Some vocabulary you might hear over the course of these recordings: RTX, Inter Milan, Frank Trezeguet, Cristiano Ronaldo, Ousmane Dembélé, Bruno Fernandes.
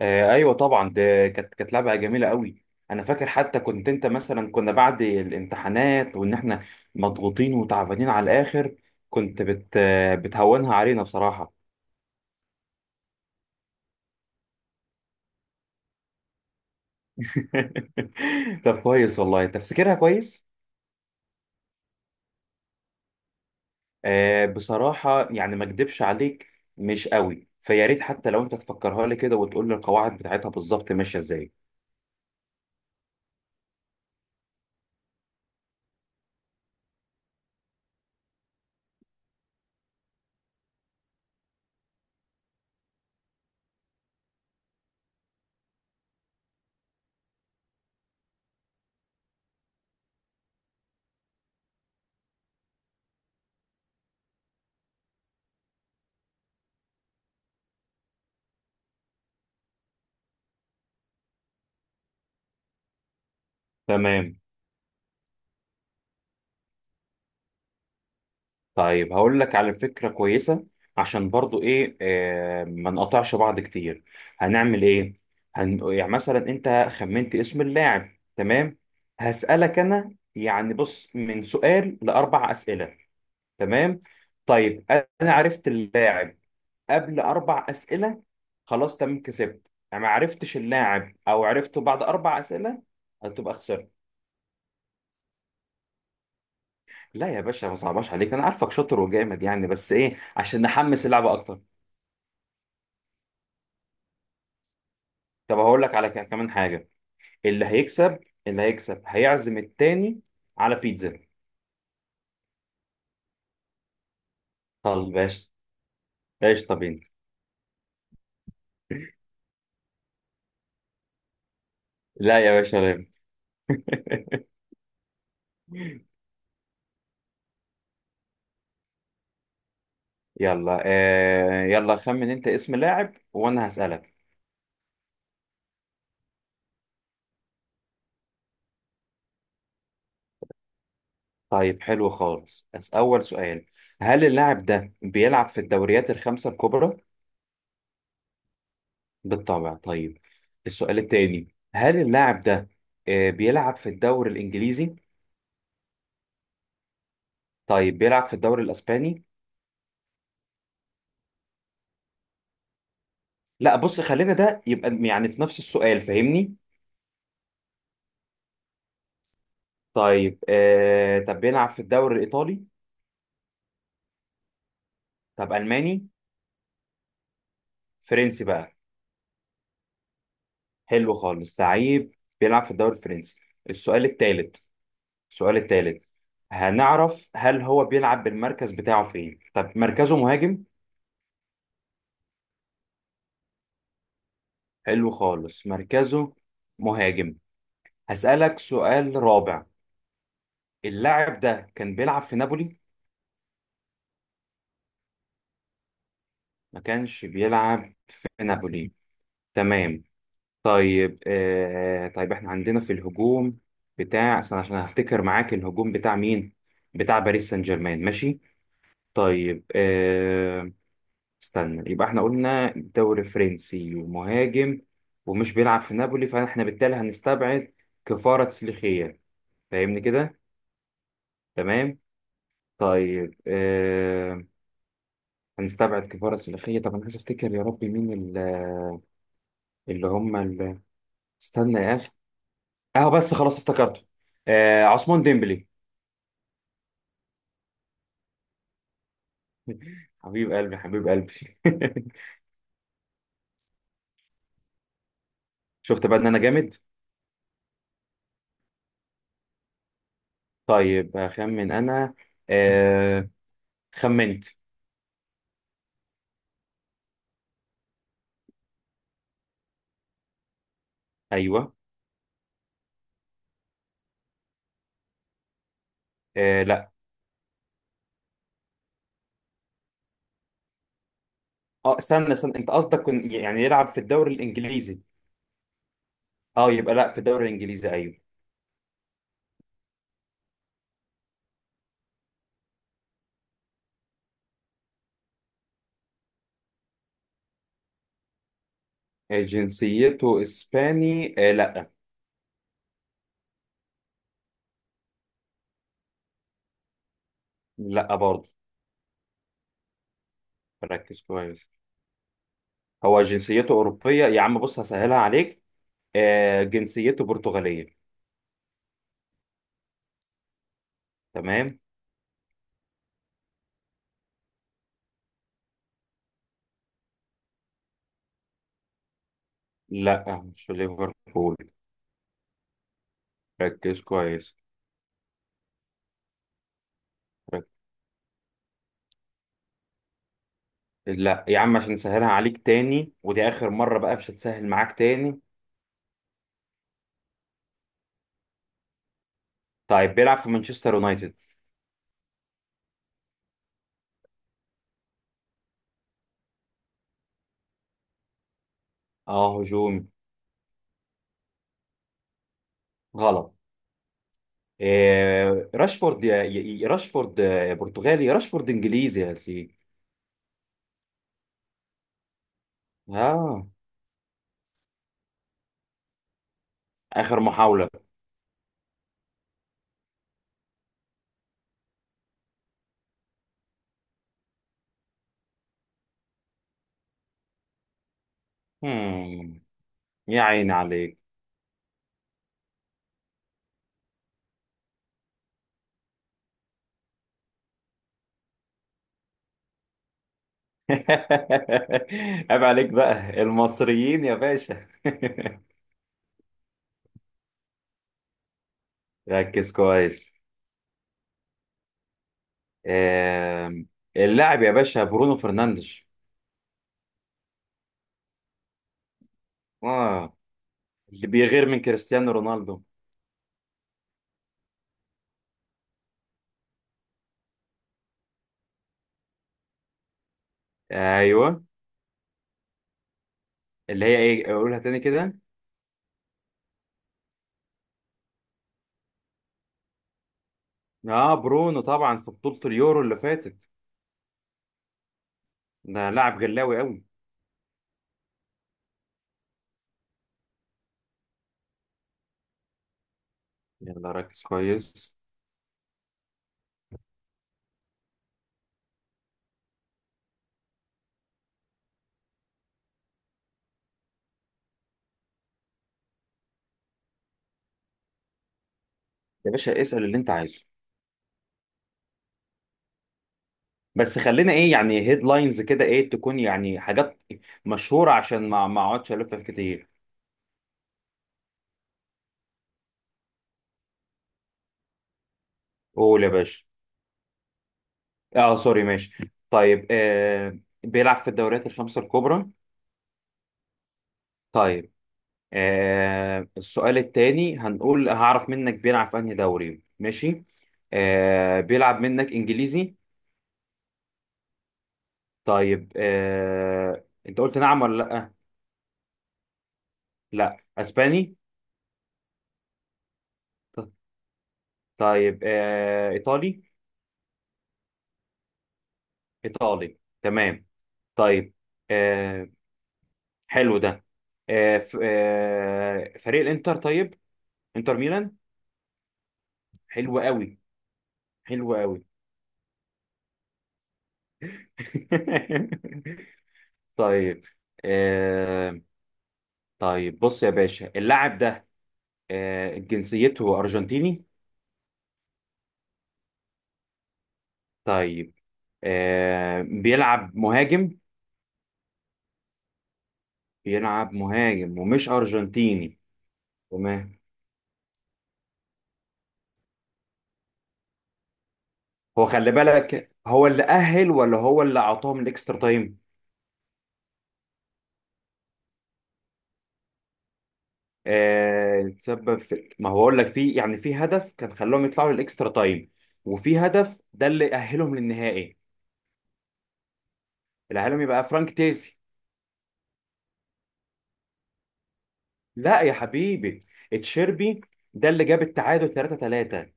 ايوه طبعا ده كانت لعبه جميله قوي. انا فاكر حتى كنت انت مثلا كنا بعد الامتحانات وان احنا مضغوطين وتعبانين على الاخر. كنت بت آه، بتهونها علينا بصراحه. طب كويس والله تفسيرها كويس. آه بصراحه يعني ما اكدبش عليك، مش قوي فيا ريت حتى لو انت تفكرها لي كده وتقول لي القواعد بتاعتها بالظبط ماشيه ازاي. تمام، طيب هقول لك على فكرة كويسة. عشان برضو ايه آه ما نقطعش بعض كتير. هنعمل ايه؟ يعني مثلا انت خمنت اسم اللاعب، تمام؟ هسألك انا يعني بص من سؤال لأربع أسئلة، تمام؟ طيب انا عرفت اللاعب قبل أربع أسئلة، خلاص تمام كسبت. يعني ما عرفتش اللاعب او عرفته بعد أربع أسئلة هتبقى خسرت. لا يا باشا، ما صعباش عليك، انا عارفك شاطر وجامد يعني، بس ايه عشان نحمس اللعبة اكتر. طب هقول لك على كمان حاجه. اللي هيكسب، اللي هيكسب هيعزم التاني على بيتزا. طب باشا قشطه بينا. لا يا باشا لا. يلا آه يلا خمن انت اسم لاعب وانا هسألك. طيب حلو خالص، بس اول سؤال، هل اللاعب ده بيلعب في الدوريات الخمسة الكبرى؟ بالطبع؟ طيب السؤال التاني، هل اللاعب ده آه بيلعب في الدوري الانجليزي؟ طيب بيلعب في الدوري الاسباني؟ لا بص خلينا ده يبقى يعني في نفس السؤال، فاهمني؟ طيب آه طب بيلعب في الدوري الإيطالي؟ طب ألماني؟ فرنسي بقى. حلو خالص، لعيب بيلعب في الدوري الفرنسي. السؤال الثالث، السؤال الثالث، هنعرف هل هو بيلعب بالمركز بتاعه فين. طب مركزه مهاجم؟ حلو خالص، مركزه مهاجم. هسألك سؤال رابع، اللاعب ده كان بيلعب في نابولي؟ ما كانش بيلعب في نابولي، تمام. طيب آه، طيب احنا عندنا في الهجوم بتاع أصل، عشان هفتكر معاك الهجوم بتاع مين، بتاع باريس سان جيرمان، ماشي. طيب آه، استنى يبقى احنا قلنا دوري فرنسي ومهاجم ومش بيلعب في نابولي، فاحنا بالتالي هنستبعد كفارة سليخية، فاهمني كده؟ تمام. طيب آه، هنستبعد كفارة سليخية. طب انا عايز افتكر يا ربي مين اللي هم استنى يا اخي. اه بس خلاص افتكرته، آه عثمان ديمبلي. حبيب قلبي، حبيب قلبي. شفت بقى ان انا جامد. طيب هخمن انا. آه، خمنت. ايوه. آه لا. اه استنى استنى، انت قصدك يعني يلعب في الدوري الانجليزي؟ اه يبقى لا في الدوري الانجليزي، ايوه. آه، جنسيته اسباني؟ آه لا. لا برضه. ركز كويس، هو جنسيته اوروبيه يا عم، بص هسهلها عليك، آه جنسيته برتغاليه. تمام. لا مش في ليفربول. ركز كويس. لا يا عم، عشان نسهلها عليك تاني، ودي آخر مرة بقى، مش هتسهل معاك تاني. طيب بيلعب في مانشستر يونايتد. اه هجومي. غلط. آه راشفورد؟ يا راشفورد، آه، برتغالي يا راشفورد إنجليزي يا سيدي. اه. آخر محاولة. هم. يا عيني عليك. عيب عليك بقى المصريين يا باشا. ركز كويس. آه، اللاعب يا باشا برونو فرنانديز. اه. اللي بيغير من كريستيانو رونالدو. ايوه. اللي هي ايه، اقولها تاني كده. اه برونو طبعا في بطولة اليورو اللي فاتت. ده لاعب غلاوي قوي. يلا ركز كويس. يا باشا اسأل اللي انت عايزه، بس خلينا ايه يعني هيدلاينز كده، ايه تكون يعني حاجات مشهورة عشان ما اقعدش الف كتير. قول يا باشا. اه سوري ماشي. طيب آه، بيلعب في الدوريات الخمسة الكبرى؟ طيب آه السؤال التاني، هنقول هعرف منك بيلعب في انهي دوري، ماشي. آه بيلعب منك انجليزي؟ طيب آه... انت قلت نعم ولا لا؟ لا اسباني؟ ط- طيب آه... ايطالي؟ ايطالي، تمام. طيب آه... حلو ده. آه... فريق الانتر، طيب، انتر ميلان. حلو قوي، حلو قوي. طيب آه... طيب بص يا باشا، اللاعب ده آه... جنسيته ارجنتيني؟ طيب آه... بيلعب مهاجم؟ بيلعب مهاجم ومش ارجنتيني. تمام. هو خلي بالك، هو اللي أهل ولا هو اللي أعطاهم الإكسترا تايم؟ آه تسبب في، ما هو أقول لك في يعني في هدف كان خلاهم يطلعوا للإكسترا تايم، وفي هدف ده اللي أهلهم للنهائي. اللي أهلهم يبقى فرانك تيسي. لا يا حبيبي. تشيربي؟ ده اللي جاب التعادل 3 3.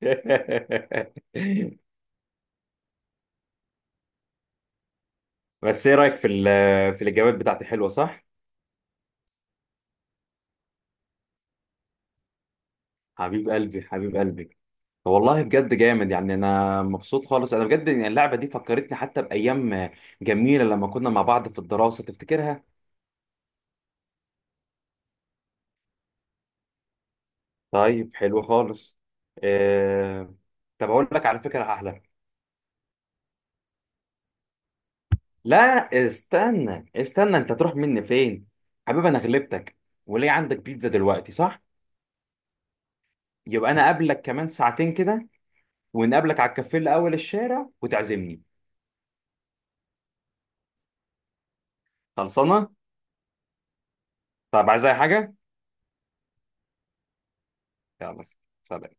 بس إيه رأيك في في الإجابات بتاعتي، حلوة صح؟ حبيب قلبي، حبيب قلبي. والله بجد جامد يعني، انا مبسوط خالص انا بجد يعني. اللعبه دي فكرتني حتى بايام جميله لما كنا مع بعض في الدراسه، تفتكرها؟ طيب حلو خالص. آه... طب اقول لك على فكره احلى. لا استنى استنى، انت تروح مني فين حبيبي، انا غلبتك. وليه عندك بيتزا دلوقتي صح؟ يبقى انا اقابلك كمان ساعتين كده، ونقابلك على الكافيه اللي اول الشارع وتعزمني. خلصانه. طب عايز اي حاجه؟ يلا. سلام.